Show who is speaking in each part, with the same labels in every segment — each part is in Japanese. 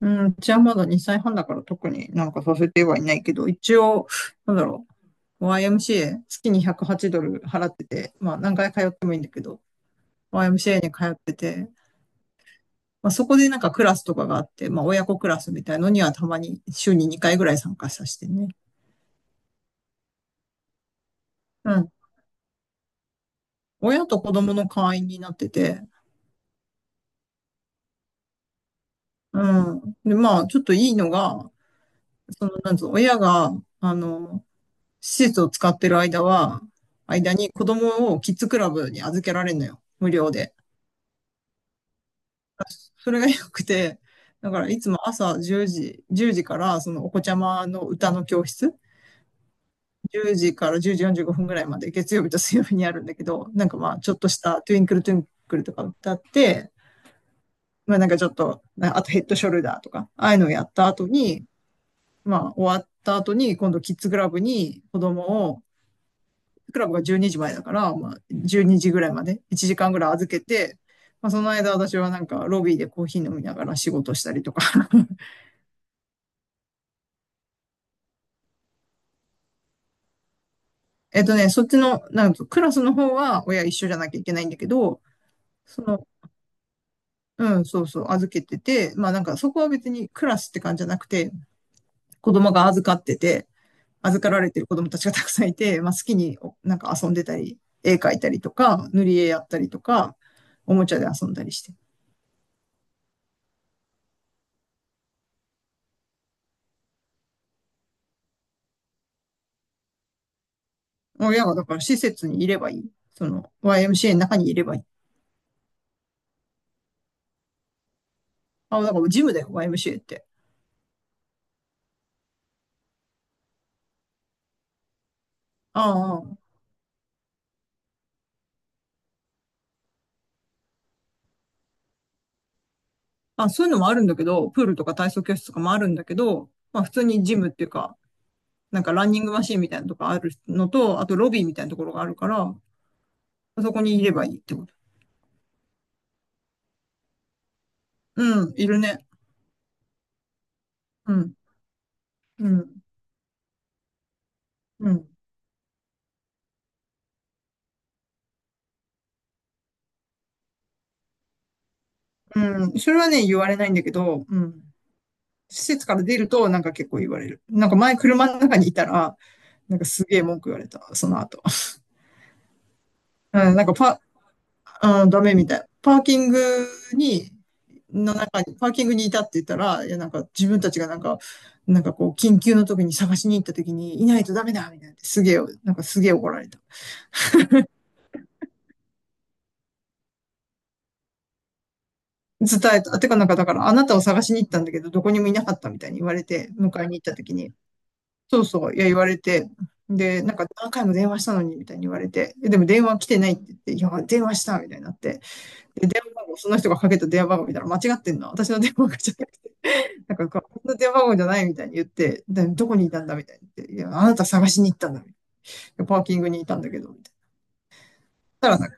Speaker 1: うん、うちはまだ2歳半だから特になんかさせてはいないけど、一応、なんだろう、YMCA、月に108ドル払ってて、まあ何回通ってもいいんだけど、YMCA に通ってて、まあそこでなんかクラスとかがあって、まあ親子クラスみたいのにはたまに週に2回ぐらい参加させてね。うん。親と子供の会員になってて。うん。で、まあちょっといいのが、その、なんつうの、親が、あの、施設を使ってる間は、間に子供をキッズクラブに預けられるのよ。無料で。それが良くて、だからいつも朝10時、10時からそのお子ちゃまの歌の教室、10時から10時45分ぐらいまで月曜日と水曜日にあるんだけど、なんかまあちょっとしたトゥインクルトゥインクルとか歌って、まあなんかちょっと、あとヘッドショルダーとか、ああいうのをやった後に、まあ終わった後に今度キッズクラブに子供を、クラブが12時前だから、まあ、12時ぐらいまで、1時間ぐらい預けて、まあ、その間私はなんかロビーでコーヒー飲みながら仕事したりとか。えっとね、そっちの、なんかクラスの方は親一緒じゃなきゃいけないんだけど、その、うん、そうそう、預けてて、まあなんかそこは別にクラスって感じじゃなくて、子供が預かってて、預かられてる子供たちがたくさんいて、まあ好きに、なんか遊んでたり、絵描いたりとか、塗り絵やったりとか、おもちゃで遊んだりして。親がだから施設にいればいい。その YMCA の中にいればいい。あ、だからジムだよ、YMCA って。ああ、あ、そういうのもあるんだけど、プールとか体操教室とかもあるんだけど、まあ普通にジムっていうか、なんかランニングマシーンみたいなとかあるのと、あとロビーみたいなところがあるから、そこにいればいいってこと。うん、いるね。うん、うん、うん、うん。それはね、言われないんだけど。うん。施設から出ると、なんか結構言われる。なんか前車の中にいたら、なんかすげえ文句言われた、その後。うん、なんかパあー、ダメみたい。に、パーキングにいたって言ったら、いや、なんか自分たちがなんか、なんかこう、緊急の時に探しに行った時に、いないとダメだみたいな。すげえ、なんかすげえ怒られた。伝えた。てかなんかだから、あなたを探しに行ったんだけど、どこにもいなかったみたいに言われて、迎えに行った時に。そうそう、いや、言われて。で、なんか何回も電話したのに、みたいに言われて。え、でも電話来てないって言って、いや、電話した、みたいになって。で、電話番号、その人がかけた電話番号見たら間違ってんの。私の電話がかけちゃって。なんか、この電話番号じゃないみたいに言って、で、どこにいたんだみたいに言って、いや、あなた探しに行ったんだみたいな。パーキングにいたんだけど、みたいな。たらなんか、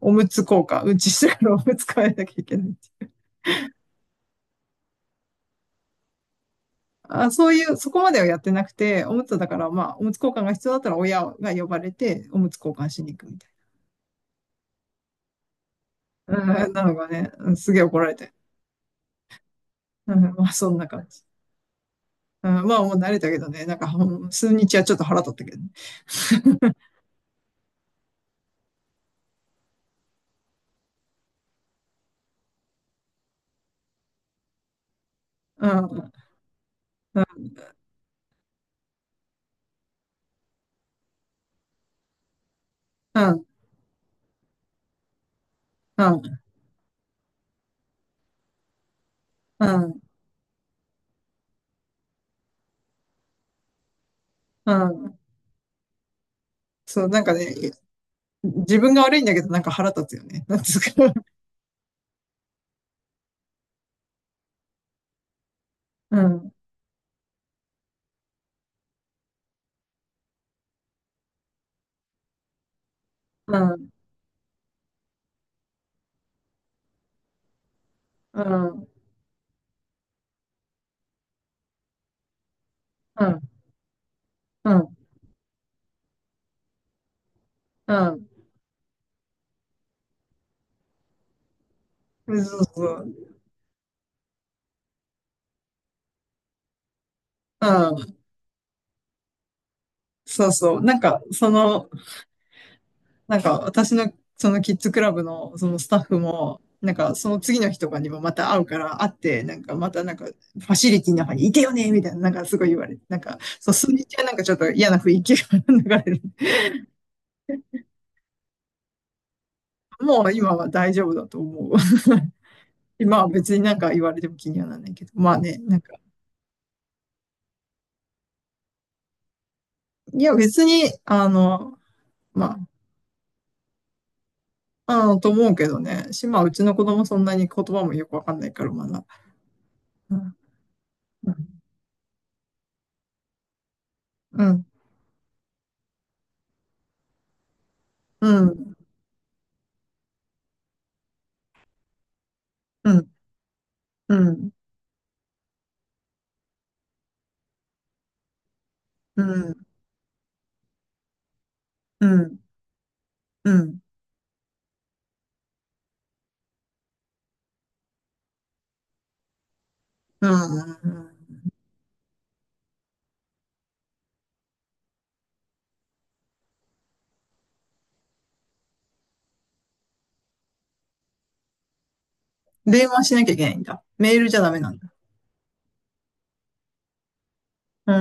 Speaker 1: おむつ交換、うんちしてからおむつ変えなきゃいけない。あ、そういう、そこまではやってなくて、おむつだから、まあ、おむつ交換が必要だったら親が呼ばれて、おむつ交換しに行くみたいな。うん、なのがね、うんすげえ怒られて。うん、まあ、そんな感じ。うん、まあ、もう慣れたけどね、なんか、うん、数日はちょっと腹立ったけどね。うん、うん、うん、うん、うん。そう、なんかね、自分が悪いんだけどなんか腹立つよね。なんつうか。うん、うん、うん、うん、うん、うん。そうそう。うん。そうそう。なんか、その、なんか私のそのキッズクラブのそのスタッフも、なんかその次の日とかにもまた会うから会って、なんかまたなんかファシリティの中にいてよねみたいな、なんかすごい言われて、なんか、そう、数日はなんかちょっと嫌な雰囲気が流れる。もう今は大丈夫だと思う。今は別になんか言われても気にはならないけど、まあね、なんかいや、別に、あの、まあ、あの、と思うけどね。し、まあ、うちの子供そんなに言葉もよくわかんないから、まだ。うん、うん、うん、うん、うん、うん、うん、うん、うん、うん。電話しなきゃいけないんだ。メールじゃダメなんだ。うー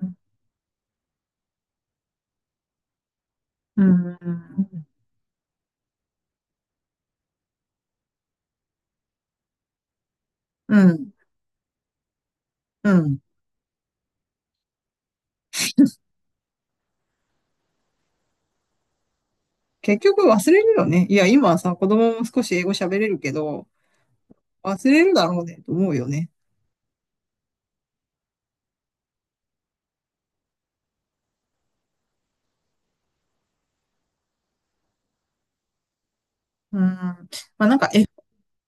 Speaker 1: ん、うん、うん、うん。結局忘れるよね。いや、今はさ、子供も少し英語喋れるけど、忘れるだろうね、と思うよね。うん。まあ、なんか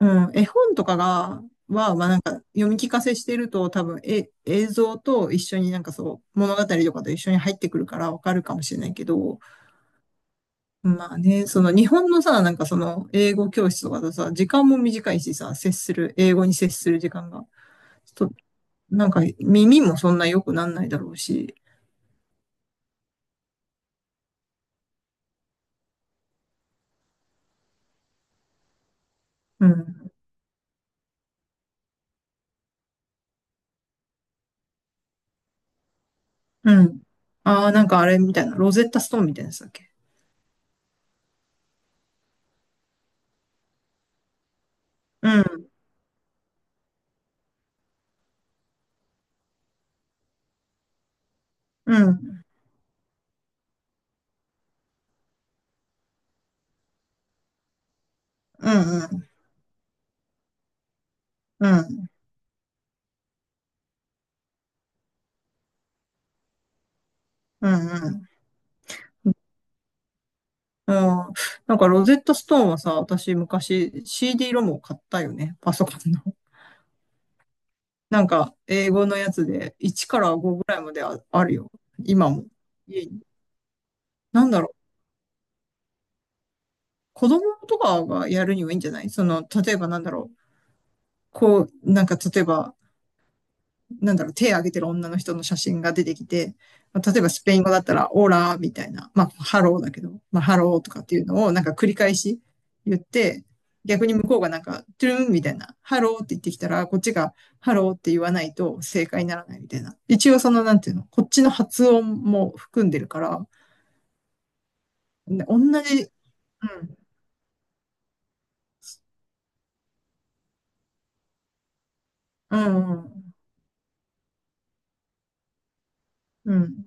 Speaker 1: うん、絵本とかが、は、まあなんか読み聞かせしてると多分、え、映像と一緒になんかそう、物語とかと一緒に入ってくるからわかるかもしれないけど、まあね、その日本のさ、なんかその英語教室とかだとさ、時間も短いしさ、接する、英語に接する時間が、と、なんか耳もそんな良くなんないだろうし。うん、うん。ああ、なんかあれみたいな、ロゼッタストーンみたいなやつだっけ？うん、うん、うん、うん、うん、うん、うん。うん。なんかロゼットストーンはさ、私昔 CD ロムを買ったよね。パソコンの。なんか英語のやつで1から5ぐらいまであるよ。今も。家に、なんだろう。子供とかがやるにはいいんじゃない、その、例えばなんだろう。こう、なんか例えばなんだろう、手を挙げてる女の人の写真が出てきて、まあ例えばスペイン語だったら、オーラーみたいな、まあ、ハローだけど、まあ、ハローとかっていうのをなんか繰り返し言って、逆に向こうがなんか、トゥルンみたいな、ハローって言ってきたら、こっちがハローって言わないと正解にならないみたいな。一応その、なんていうの、こっちの発音も含んでるから、ね、同じ。うん、うん、うん、うん。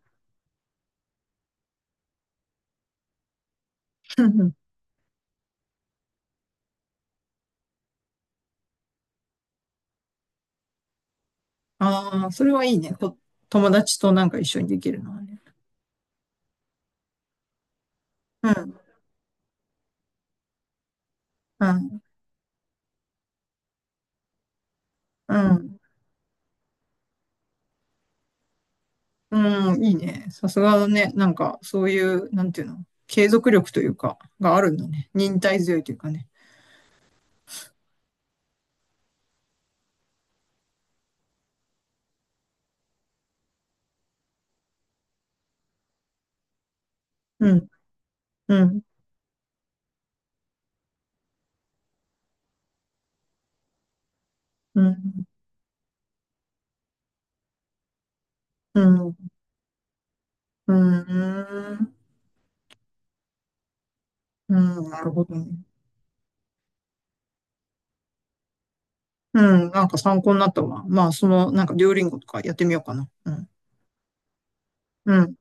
Speaker 1: ああ、それはいいね。友達となんか一緒にできるのはね。うん、うん、うん。うん、いいね。さすがだね。なんか、そういう、なんていうの、継続力というか、があるんだね。忍耐強いというかね。うん、うん、うん、うん、うん、うん、うん、なるほどね。うん、なんか参考になったわ。まあ、その、なんか、デュオリンゴとかやってみようかな。うん、うん。